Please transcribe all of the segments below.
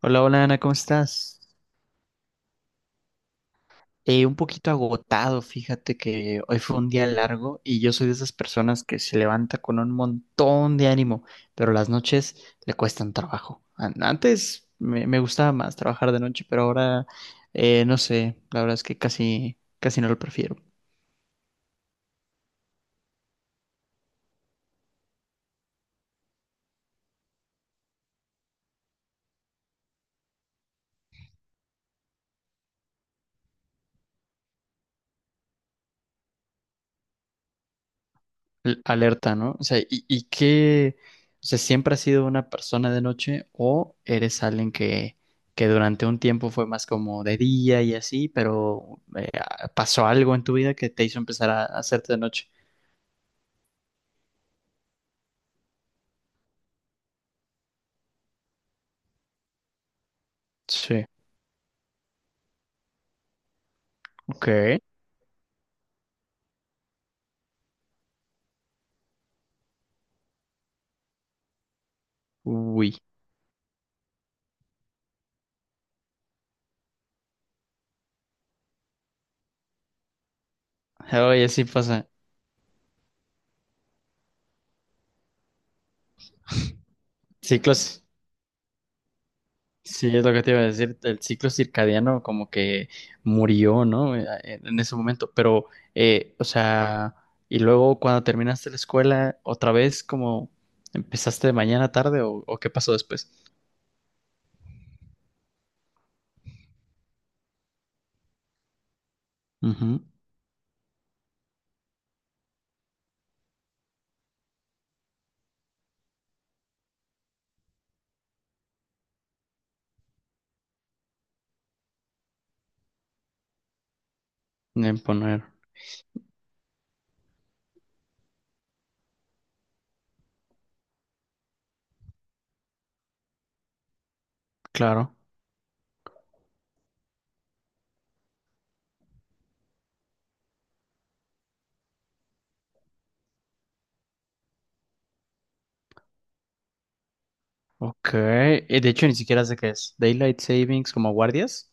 Hola, hola Ana, ¿cómo estás? Un poquito agotado, fíjate que hoy fue un día largo y yo soy de esas personas que se levanta con un montón de ánimo, pero las noches le cuestan trabajo. Antes me gustaba más trabajar de noche, pero ahora no sé, la verdad es que casi no lo prefiero. Alerta, ¿no? O sea, y qué? O sea, ¿siempre has sido una persona de noche o eres alguien que durante un tiempo fue más como de día y así, pero pasó algo en tu vida que te hizo empezar a hacerte de noche? Sí. Ok. Uy. Oye, sí pasa. Ciclos. Sí, es lo que te iba a decir, el ciclo circadiano como que murió, ¿no? En ese momento, pero, o sea, y luego cuando terminaste la escuela, otra vez como empezaste de mañana a tarde o ¿qué pasó después? Ujú. En poner, claro. Ok. De hecho ni siquiera sé qué es, Daylight Savings como guardias.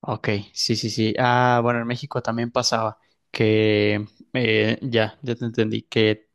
Ok, sí, sí, sí. Ah, bueno, en México también pasaba que, ya te entendí, que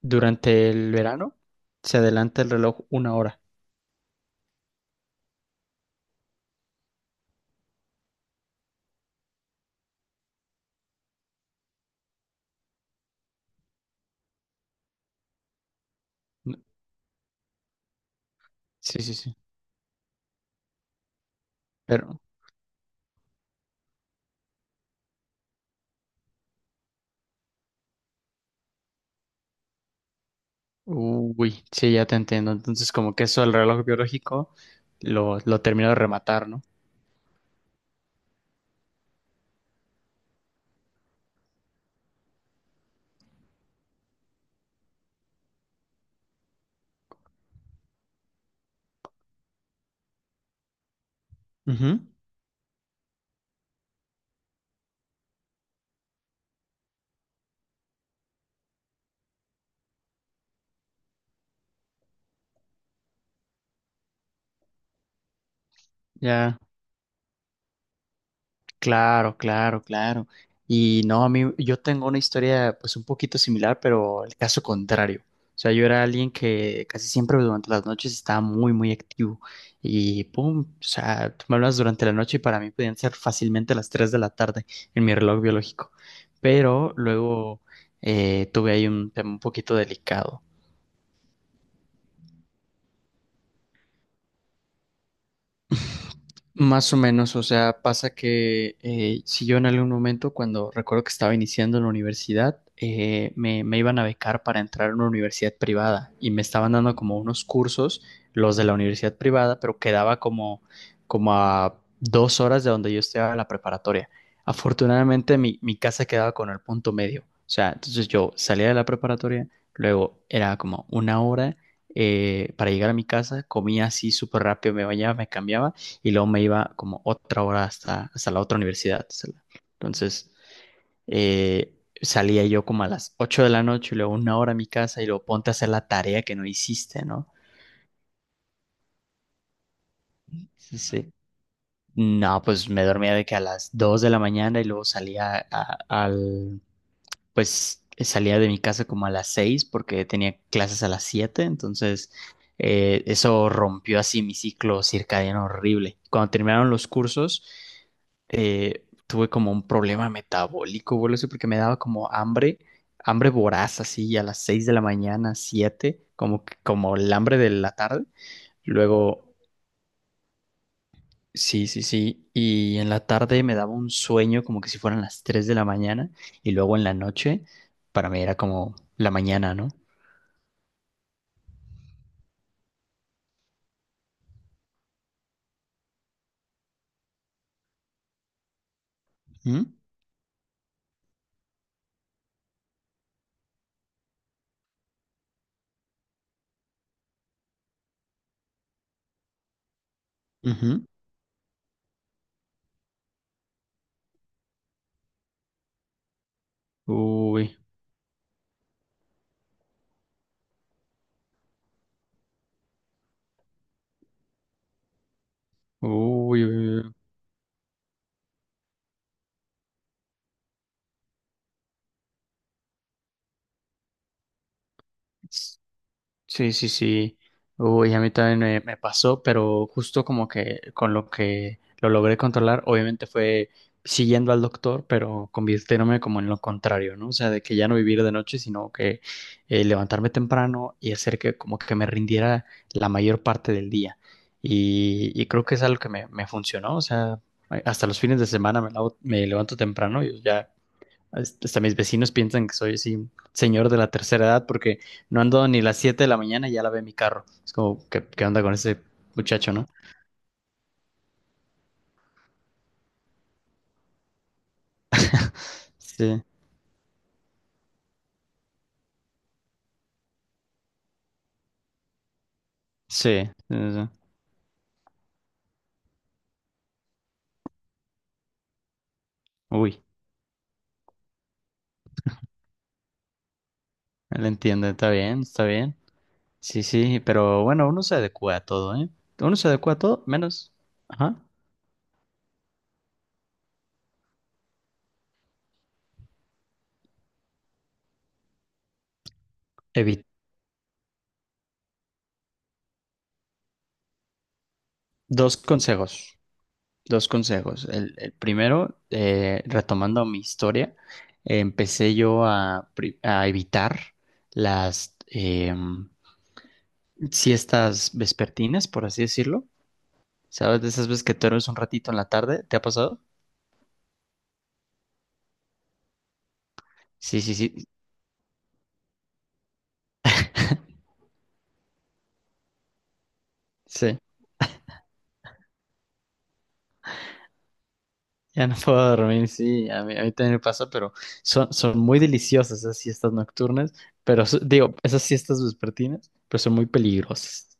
durante el verano se adelanta el reloj una hora. Sí, sí, sí. Pero, uy, sí, ya te entiendo. Entonces, como que eso el reloj biológico lo terminó de rematar, ¿no? Ujú. Ya. Claro, claro, claro. Y no, a mí, yo tengo una historia pues un poquito similar, pero el caso contrario. O sea, yo era alguien que casi siempre durante las noches estaba muy, muy activo. Y pum, o sea, tú me hablas durante la noche y para mí podían ser fácilmente las 3 de la tarde en mi reloj biológico. Pero luego tuve ahí un tema un poquito delicado. Más o menos, o sea, pasa que si yo en algún momento, cuando recuerdo que estaba iniciando en la universidad, me iban a becar para entrar a una universidad privada y me estaban dando como unos cursos, los de la universidad privada, pero quedaba como, como a dos horas de donde yo estaba en la preparatoria. Afortunadamente, mi casa quedaba con el punto medio, o sea, entonces yo salía de la preparatoria, luego era como una hora para llegar a mi casa, comía así súper rápido, me bañaba, me cambiaba y luego me iba como otra hora hasta la otra universidad. Entonces, eh, salía yo como a las 8 de la noche y luego una hora a mi casa y luego ponte a hacer la tarea que no hiciste, ¿no? Sí, sí. No, pues me dormía de que a las 2 de la mañana y luego pues salía de mi casa como a las seis porque tenía clases a las siete, entonces eso rompió así mi ciclo circadiano horrible. Cuando terminaron los cursos, tuve como un problema metabólico, güey, eso porque me daba como hambre, hambre voraz así a las 6 de la mañana, 7 como, como el hambre de la tarde. Luego sí, sí, sí. Y en la tarde me daba un sueño como que si fueran las 3 de la mañana y luego en la noche para mí era como la mañana, ¿no? ¿Mm? Ujú. Uy, uy, uy. Uy. Sí, sí, sí. Uy, a mí también me pasó, pero justo como que con lo que lo logré controlar, obviamente fue siguiendo al doctor, pero convirtiéndome como en lo contrario, ¿no? O sea, de que ya no vivir de noche, sino que levantarme temprano y hacer que como que me rindiera la mayor parte del día. Y creo que es algo que me funcionó, o sea, hasta los fines de semana me levanto temprano y ya este, hasta mis vecinos piensan que soy así, señor de la tercera edad, porque no ando ni las 7 de la mañana y ya la ve mi carro. Es como, ¿qué, qué onda con ese muchacho, no? Sí, sí, sí, sí. Sí. Uy, él entiende, está bien, está bien. Sí, sí, pero bueno, uno se adecua a todo, ¿eh? Uno se adecua a todo, menos. Ajá. Evit. Dos consejos, dos consejos. El primero, retomando mi historia, empecé yo a evitar las. Siestas vespertinas, por así decirlo. ¿Sabes? De esas veces que te duermes un ratito en la tarde, ¿te ha pasado? Sí, sí, sí, sí. Ya no puedo dormir, sí, a mí también me pasa, pero son, son muy deliciosas esas siestas nocturnas, pero digo, esas siestas vespertinas, pero son muy peligrosas.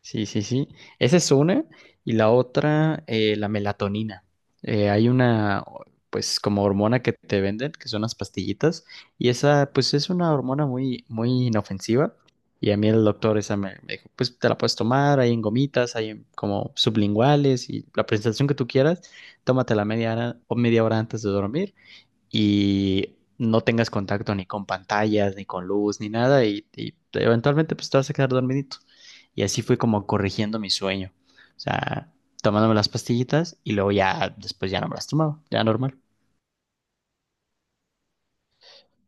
Sí, sí, sí. Esa es una. Y la otra, la melatonina. Hay una, pues, como hormona que te venden, que son las pastillitas. Y esa, pues, es una hormona muy, muy inofensiva. Y a mí el doctor esa me dijo, pues, te la puedes tomar, hay en gomitas, hay en como sublinguales y la presentación que tú quieras. Tómatela media hora o media hora antes de dormir y no tengas contacto ni con pantallas, ni con luz, ni nada, y eventualmente pues te vas a quedar dormidito. Y así fui como corrigiendo mi sueño. O sea, tomándome las pastillitas y luego ya, después ya no me las tomaba, ya normal.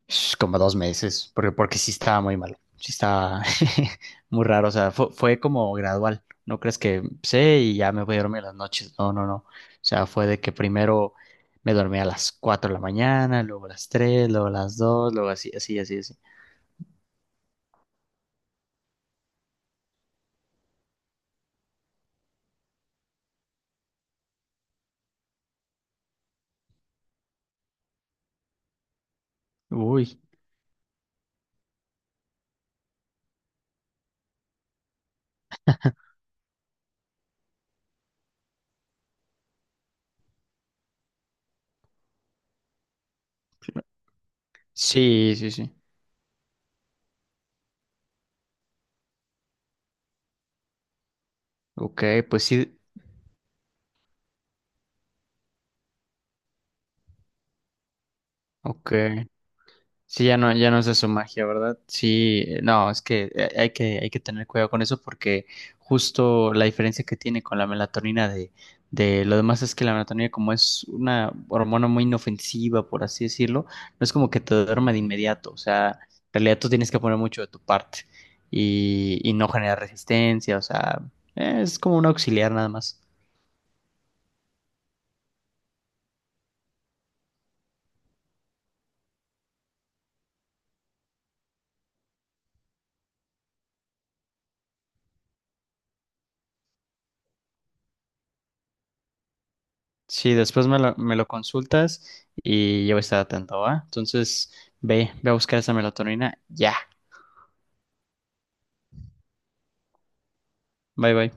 Sh, como dos meses, porque, porque sí estaba muy malo, sí estaba muy raro, o sea, fue, fue como gradual, no crees que sé y ya me voy a dormir en las noches, no, no, no, o sea, fue de que primero me dormí a las 4 de la mañana, luego a las tres luego a las dos luego así, así, así, así. Uy, sí, sí, sí, ok, pues sí, ok. Sí, ya no, ya no hace su magia, ¿verdad? Sí, no, es que hay hay que tener cuidado con eso porque justo la diferencia que tiene con la melatonina de lo demás es que la melatonina como es una hormona muy inofensiva, por así decirlo, no es como que te duerma de inmediato, o sea, en realidad tú tienes que poner mucho de tu parte y no generar resistencia, o sea, es como un auxiliar nada más. Sí, después me lo consultas y yo voy a estar atento, ¿va? Entonces, ve, ve a buscar esa melatonina ya. Bye, bye.